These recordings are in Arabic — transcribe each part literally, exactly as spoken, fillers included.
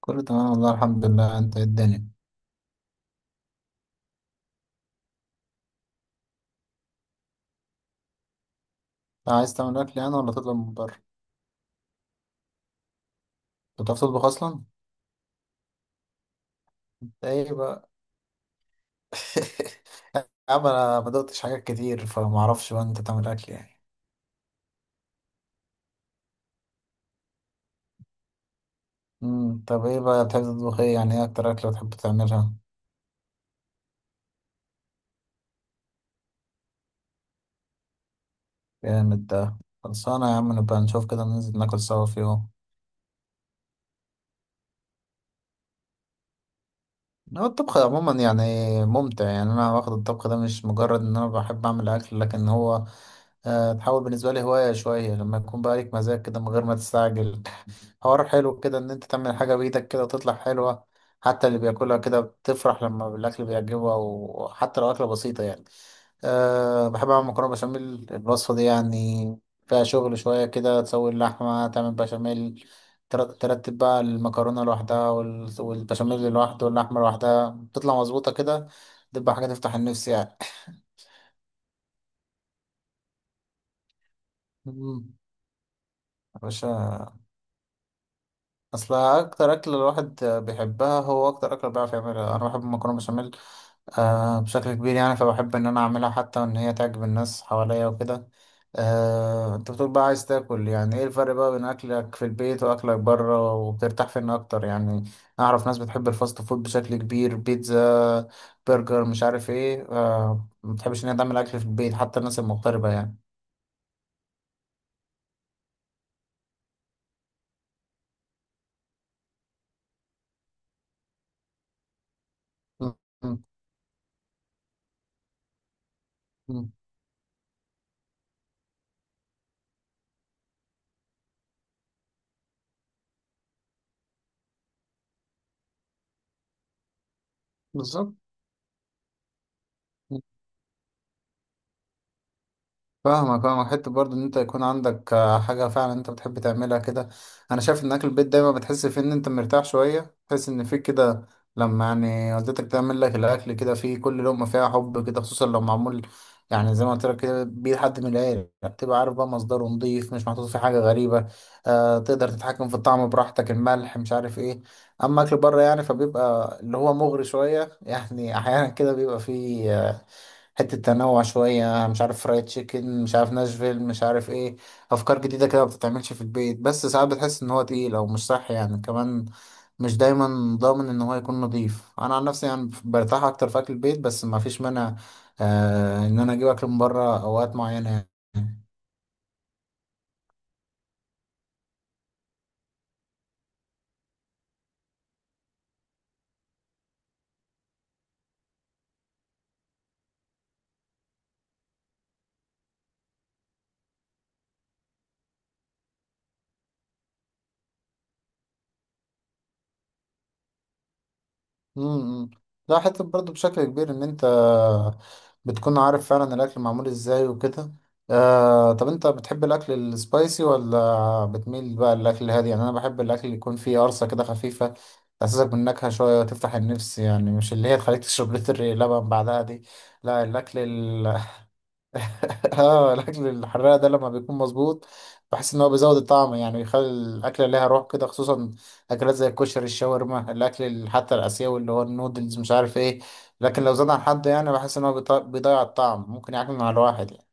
كله تمام والله الحمد لله. انت ايه الدنيا؟ انت عايز تعمل اكل يعني ولا تطلب من بره؟ انت بتعرف تطبخ اصلا؟ انت ايه بقى؟ يا عم انا ما دقتش حاجات كتير فما اعرفش بقى انت تعمل اكل يعني. امم طب ايه بقى بتحب تطبخ؟ ايه يعني ايه اكتر اكله بتحب تعملها؟ جامد ده. خلصانه يا عم، نبقى نشوف كده، ننزل ناكل سوا في يوم. هو الطبخ عموما يعني ممتع يعني، انا واخد الطبخ ده مش مجرد ان انا بحب اعمل اكل، لكن هو آه، تحول بالنسبة لي هواية شوية، لما يكون بقى ليك مزاج كده من غير ما تستعجل. حوار حلو كده إن أنت تعمل حاجة بإيدك كده وتطلع حلوة. حتى اللي بياكلها كده بتفرح لما الأكل بيعجبه، أو حتى لو أكلة بسيطة يعني. أه بحب أعمل مكرونة بشاميل، الوصفة دي يعني فيها شغل شوية كده، تسوي اللحمة، تعمل بشاميل، تر- ترتب بقى المكرونة لوحدها وال- والبشاميل لوحده واللحمة لوحدها، بتطلع مظبوطة كده، تبقى حاجة تفتح النفس يعني. مم. يا باشا. اصل اكتر اكل الواحد بيحبها هو اكتر اكل بيعرف يعملها. انا بحب المكرونه بشاميل آه بشكل كبير يعني، فبحب ان انا اعملها، حتى ان هي تعجب الناس حواليا وكده. آه انت بتقول بقى عايز تاكل، يعني ايه الفرق بقى بين اكلك في البيت واكلك بره، وبترتاح فين اكتر يعني؟ اعرف ناس بتحب الفاست فود بشكل كبير، بيتزا، برجر، مش عارف ايه. آه ما بتحبش ان هي تعمل اكل في البيت، حتى الناس المغتربه يعني. م- م- م. بالظبط. فاهمك. اه حته برضه ان انت يكون عندك آه، حاجه فعلا انت بتحب تعملها كده. انا شايف ان اكل البيت دايما بتحس فيه ان انت مرتاح شويه، تحس ان فيك كده، لما يعني والدتك تعمل لك الاكل، كده فيه كل لقمه فيها حب كده، خصوصا لو معمول يعني زي ما قلت لك كده بيه حد من العيله، بتبقى عارف بقى مصدره نضيف، مش محطوط فيه حاجه غريبه. آه تقدر تتحكم في الطعم براحتك، الملح مش عارف ايه. اما اكل بره يعني فبيبقى اللي هو مغري شويه. يعني احيانا كده بيبقى فيه حتة تنوع شوية، مش عارف فرايد تشيكن، مش عارف ناشفيل، مش عارف ايه، أفكار جديدة كده ما بتتعملش في البيت. بس ساعات بتحس إن هو تقيل أو مش صح يعني كمان، مش دايما ضامن إن هو يكون نضيف. أنا عن نفسي يعني برتاح أكتر في أكل البيت، بس ما فيش مانع آه إن أنا أجيب أكل من بره أوقات معينة يعني. امم ده حتة برضه بشكل كبير ان انت بتكون عارف فعلا الاكل معمول ازاي وكده. آه طب انت بتحب الاكل السبايسي ولا بتميل بقى للاكل الهادي؟ يعني انا بحب الاكل اللي يكون فيه قرصة كده خفيفة، تحسسك بالنكهة شوية وتفتح النفس يعني، مش اللي هي تخليك تشرب لتر لبن بعدها دي. لا الاكل. اه الاكل الحراق ده لما بيكون مظبوط بحس ان هو بيزود الطعم يعني، بيخلي الاكله ليها روح كده، خصوصا اكلات زي الكشري، الشاورما، الاكل ال- حتى الاسيوي اللي هو النودلز، مش عارف ايه. لكن لو زاد عن حد يعني، بحس ان هو بيط- بيضيع الطعم، ممكن يعكنن على الواحد يعني.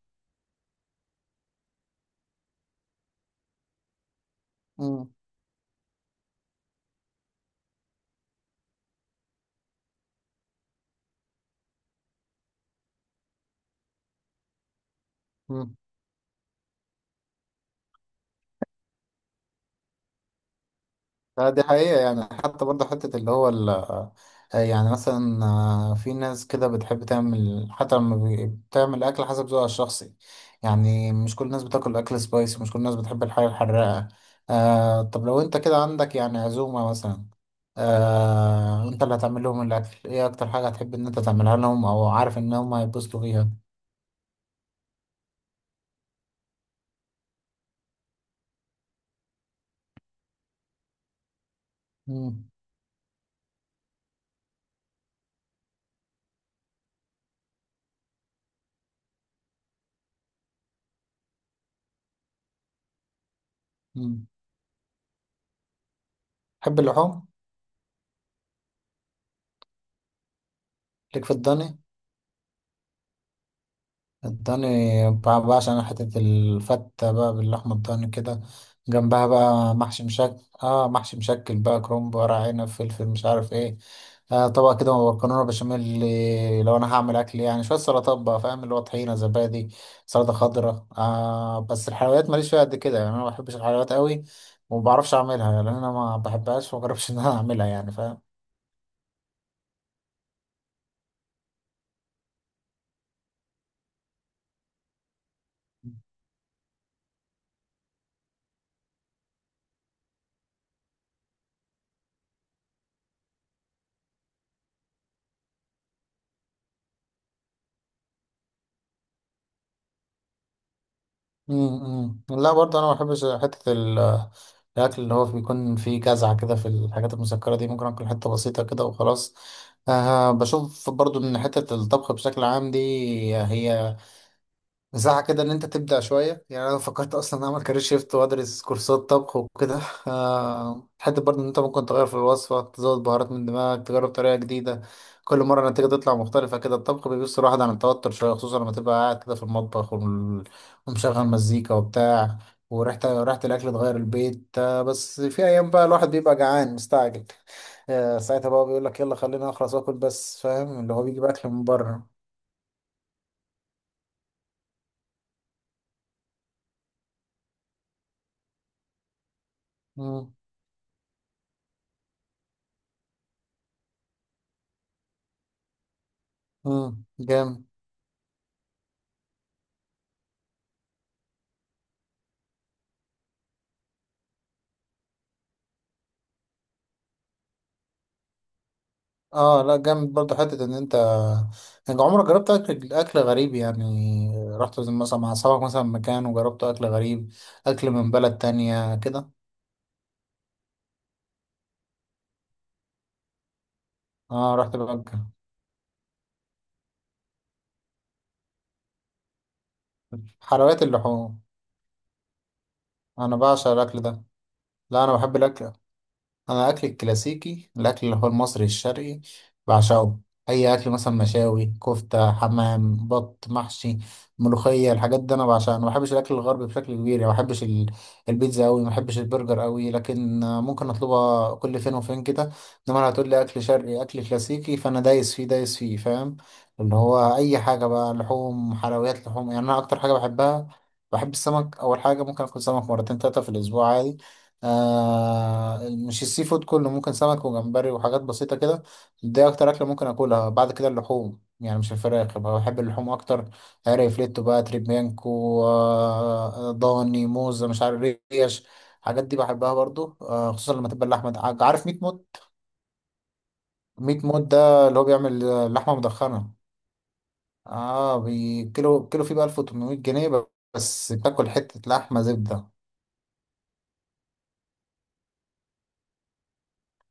مم. لا دي حقيقة يعني، حتى برضه حتة اللي هو ال آه، يعني مثلا آه، في ناس كده بتحب تعمل حتى لما بي- بتعمل أكل حسب ذوقها الشخصي، يعني مش كل الناس بتاكل أكل سبايسي، مش كل الناس بتحب الحاجة الحراقة. آه طب لو أنت كده عندك يعني عزومة مثلا، آه أنت اللي هتعمل لهم الأكل، إيه أكتر حاجة هتحب إن أنت تعملها لهم أو عارف إن هم هيتبسطوا فيها؟ مم. مم. تحب اللحوم؟ ليك في الضاني؟ الضاني بقى بقى عشان حتة الفتة بقى باللحمة الضاني كده، جنبها بقى محشي مشكل. اه محشي مشكل بقى كرنب، ورق عنب، فلفل، مش عارف ايه. آه طبق كده مكرونة بشاميل، اللي- لو انا هعمل اكل يعني شوية سلطات بقى فاهم، اللي هو طحينة، زبادي، سلطة خضراء. آه بس الحلويات ماليش فيها قد كده يعني، انا ما بحبش الحلويات قوي وما بعرفش اعملها يعني، انا ما بحبهاش وما جربش ان انا اعملها يعني فاهم. امم لا برضه انا ما بحبش حته ال- الاكل اللي هو بيكون فيه جزعه كده في الحاجات المسكره دي، ممكن اكل حته بسيطه كده وخلاص. آه بشوف برضه ان حته الطبخ بشكل عام دي، هي مساحة كده إن أنت تبدع شوية يعني، أنا فكرت أصلا أعمل كارير شيفت وأدرس كورسات طبخ وكده. آه، حتى برضه إن أنت ممكن تغير في الوصفة، تزود بهارات من دماغك، تجرب طريقة جديدة، كل مرة النتيجة تطلع مختلفة كده. الطبخ بيبص الواحد عن التوتر شوية، خصوصا لما تبقى قاعد كده في المطبخ وال- ومشغل مزيكا وبتاع، وريحة ريحة الأكل تغير البيت. آه، بس في أيام بقى الواحد بيبقى جعان مستعجل، آه، ساعتها بقى بيقول لك يلا خلينا أخلص وآكل بس، فاهم اللي هو بيجيب أكل من بره. مم، مم، جامد. اه لا جامد برضه حتة ان انت، يعني عمرك جربت اكل اكل غريب يعني، رحت زي مثلا مع اصحابك مثلا مكان وجربت اكل غريب، اكل من بلد تانية كده؟ اه رحت بقى. حلويات اللحوم. انا بعشق الاكل ده. لا انا بحب الاكل. انا اكلي الكلاسيكي، الاكل اللي هو المصري الشرقي، بعشقه. اي اكل مثلا مشاوي، كفته، حمام، بط، محشي، ملوخيه، الحاجات دي انا بعشقها. انا ما بحبش الاكل الغربي بشكل كبير يعني، ما بحبش ال- البيتزا قوي، ما بحبش البرجر قوي، لكن آه، ممكن اطلبها كل فين وفين كده. انما لو هتقول لي اكل شرقي اكل كلاسيكي، فانا دايس فيه دايس فيه فاهم، اللي هو اي حاجه بقى، لحوم، حلويات، لحوم يعني، انا اكتر حاجه بحبها. بحب السمك اول حاجه، ممكن اكل سمك مرتين تلاته في الاسبوع عادي. آه مش السي فود كله، ممكن سمك وجمبري وحاجات بسيطة كده. دي أكتر أكلة ممكن أكلها. بعد كده اللحوم يعني، مش الفراخ بقى، بحب اللحوم أكتر. عارف فليتو بقى، تريبيانكو، آه ضاني، موزة، مش عارف، ريش، الحاجات دي بحبها برضو، آه خصوصا لما تبقى اللحمة دع- عارف ميت موت. ميت موت ده اللي هو بيعمل آه، لحمة مدخنة. اه بي- كيلو كيلو فيه بقى ألف وتمنمية جنيه، بس تاكل حتة لحمة زبدة.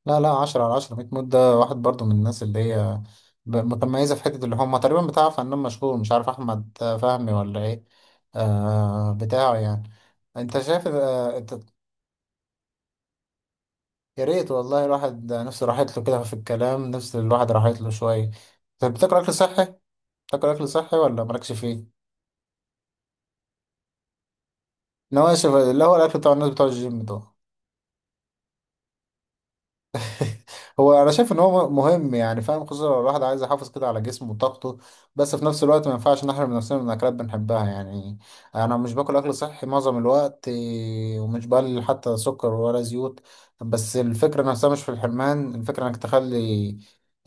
لا لا عشرة على عشرة، مية مود. ده واحد برضو من الناس اللي هي ب- متميزة في حتة، اللي هم تقريبا بتاع فنان مشهور، مش عارف أحمد فهمي ولا إيه، آه بتاعه يعني. أنت شايف آه أنت- يا ريت والله، الواحد نفسه راحت له كده في الكلام، نفس الواحد راحت له شوية. طب بتاكل أكل صحي؟ بتاكل أكل صحي ولا مالكش فيه؟ نواشف اللي هو الأكل بتاع الناس بتوع الجيم دول. هو انا شايف ان هو مهم يعني فاهم، خصوصا لو الواحد عايز يحافظ كده على جسمه وطاقته، بس في نفس الوقت ما ينفعش نحرم نفسنا من اكلات بنحبها يعني. انا مش باكل اكل صحي معظم الوقت إيه، ومش بقلل حتى سكر ولا زيوت. بس الفكره نفسها مش في الحرمان، الفكره انك تخلي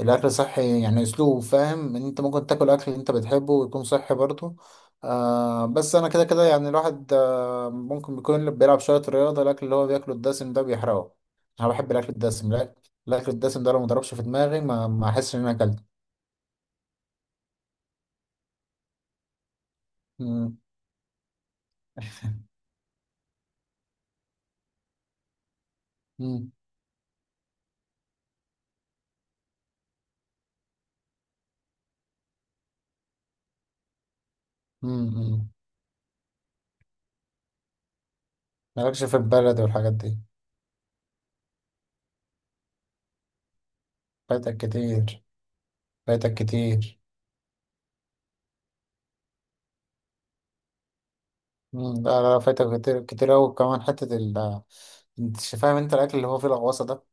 الاكل صحي يعني اسلوب، فاهم ان انت ممكن تاكل اكل انت بتحبه ويكون صحي برضه. آه بس انا كده كده يعني الواحد آه ممكن بيكون اللي بيلعب شويه رياضه، الاكل اللي هو بياكله الدسم ده بيحرقه. انا بحب الاكل الدسم. الاكل الدسم ده لو ما ضربش في دماغي ما ما احسش ان انا اكلت. مم، مم، مم، مم. مالكش في البلد والحاجات دي؟ فايتك كتير. فايتك كتير. مم، لا لا فايتك كتير كتير أوي كمان. حتة ال انت ش- فاهم، انت الاكل اللي هو فيه الغوصة ده،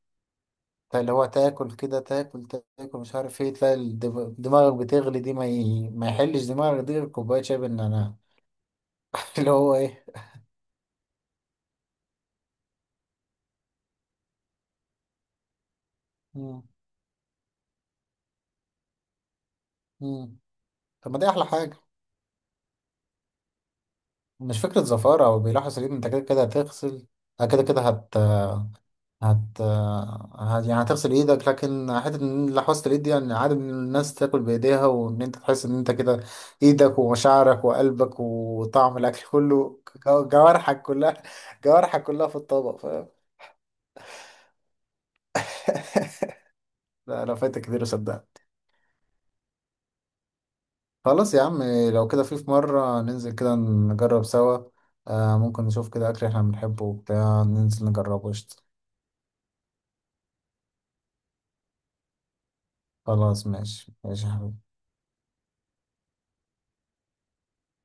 بتاع اللي هو تاكل كده، تاكل تاكل مش عارف ايه، تلاقي الدم- دماغك بتغلي دي، ما, ي... ما يحلش دماغك دي غير كوباية شاي بالنعناع. اللي هو ايه. مم، مم. طب ما دي احلى حاجة. مش فكرة زفارة، او بيلاحظ ان انت كده كده هتغسل، كده كده. هت... هت... يعني هتغسل ايدك، لكن حتة ان لحوسة الايد دي يعني عادة ان الناس تاكل بايديها، وان انت تحس ان انت كده ايدك ومشاعرك وقلبك وطعم الاكل كله، جو- جوارحك كلها، جوارحك كلها في الطبق فاهم. لا لا فايتك كتير صدق. خلاص يا عم، لو كده في في مرة ننزل كده نجرب سوا. آه ممكن نشوف كده اكل احنا بنحبه وبتاع، ننزل نجربه. قشطة. خلاص ماشي ماشي يا حبيبي.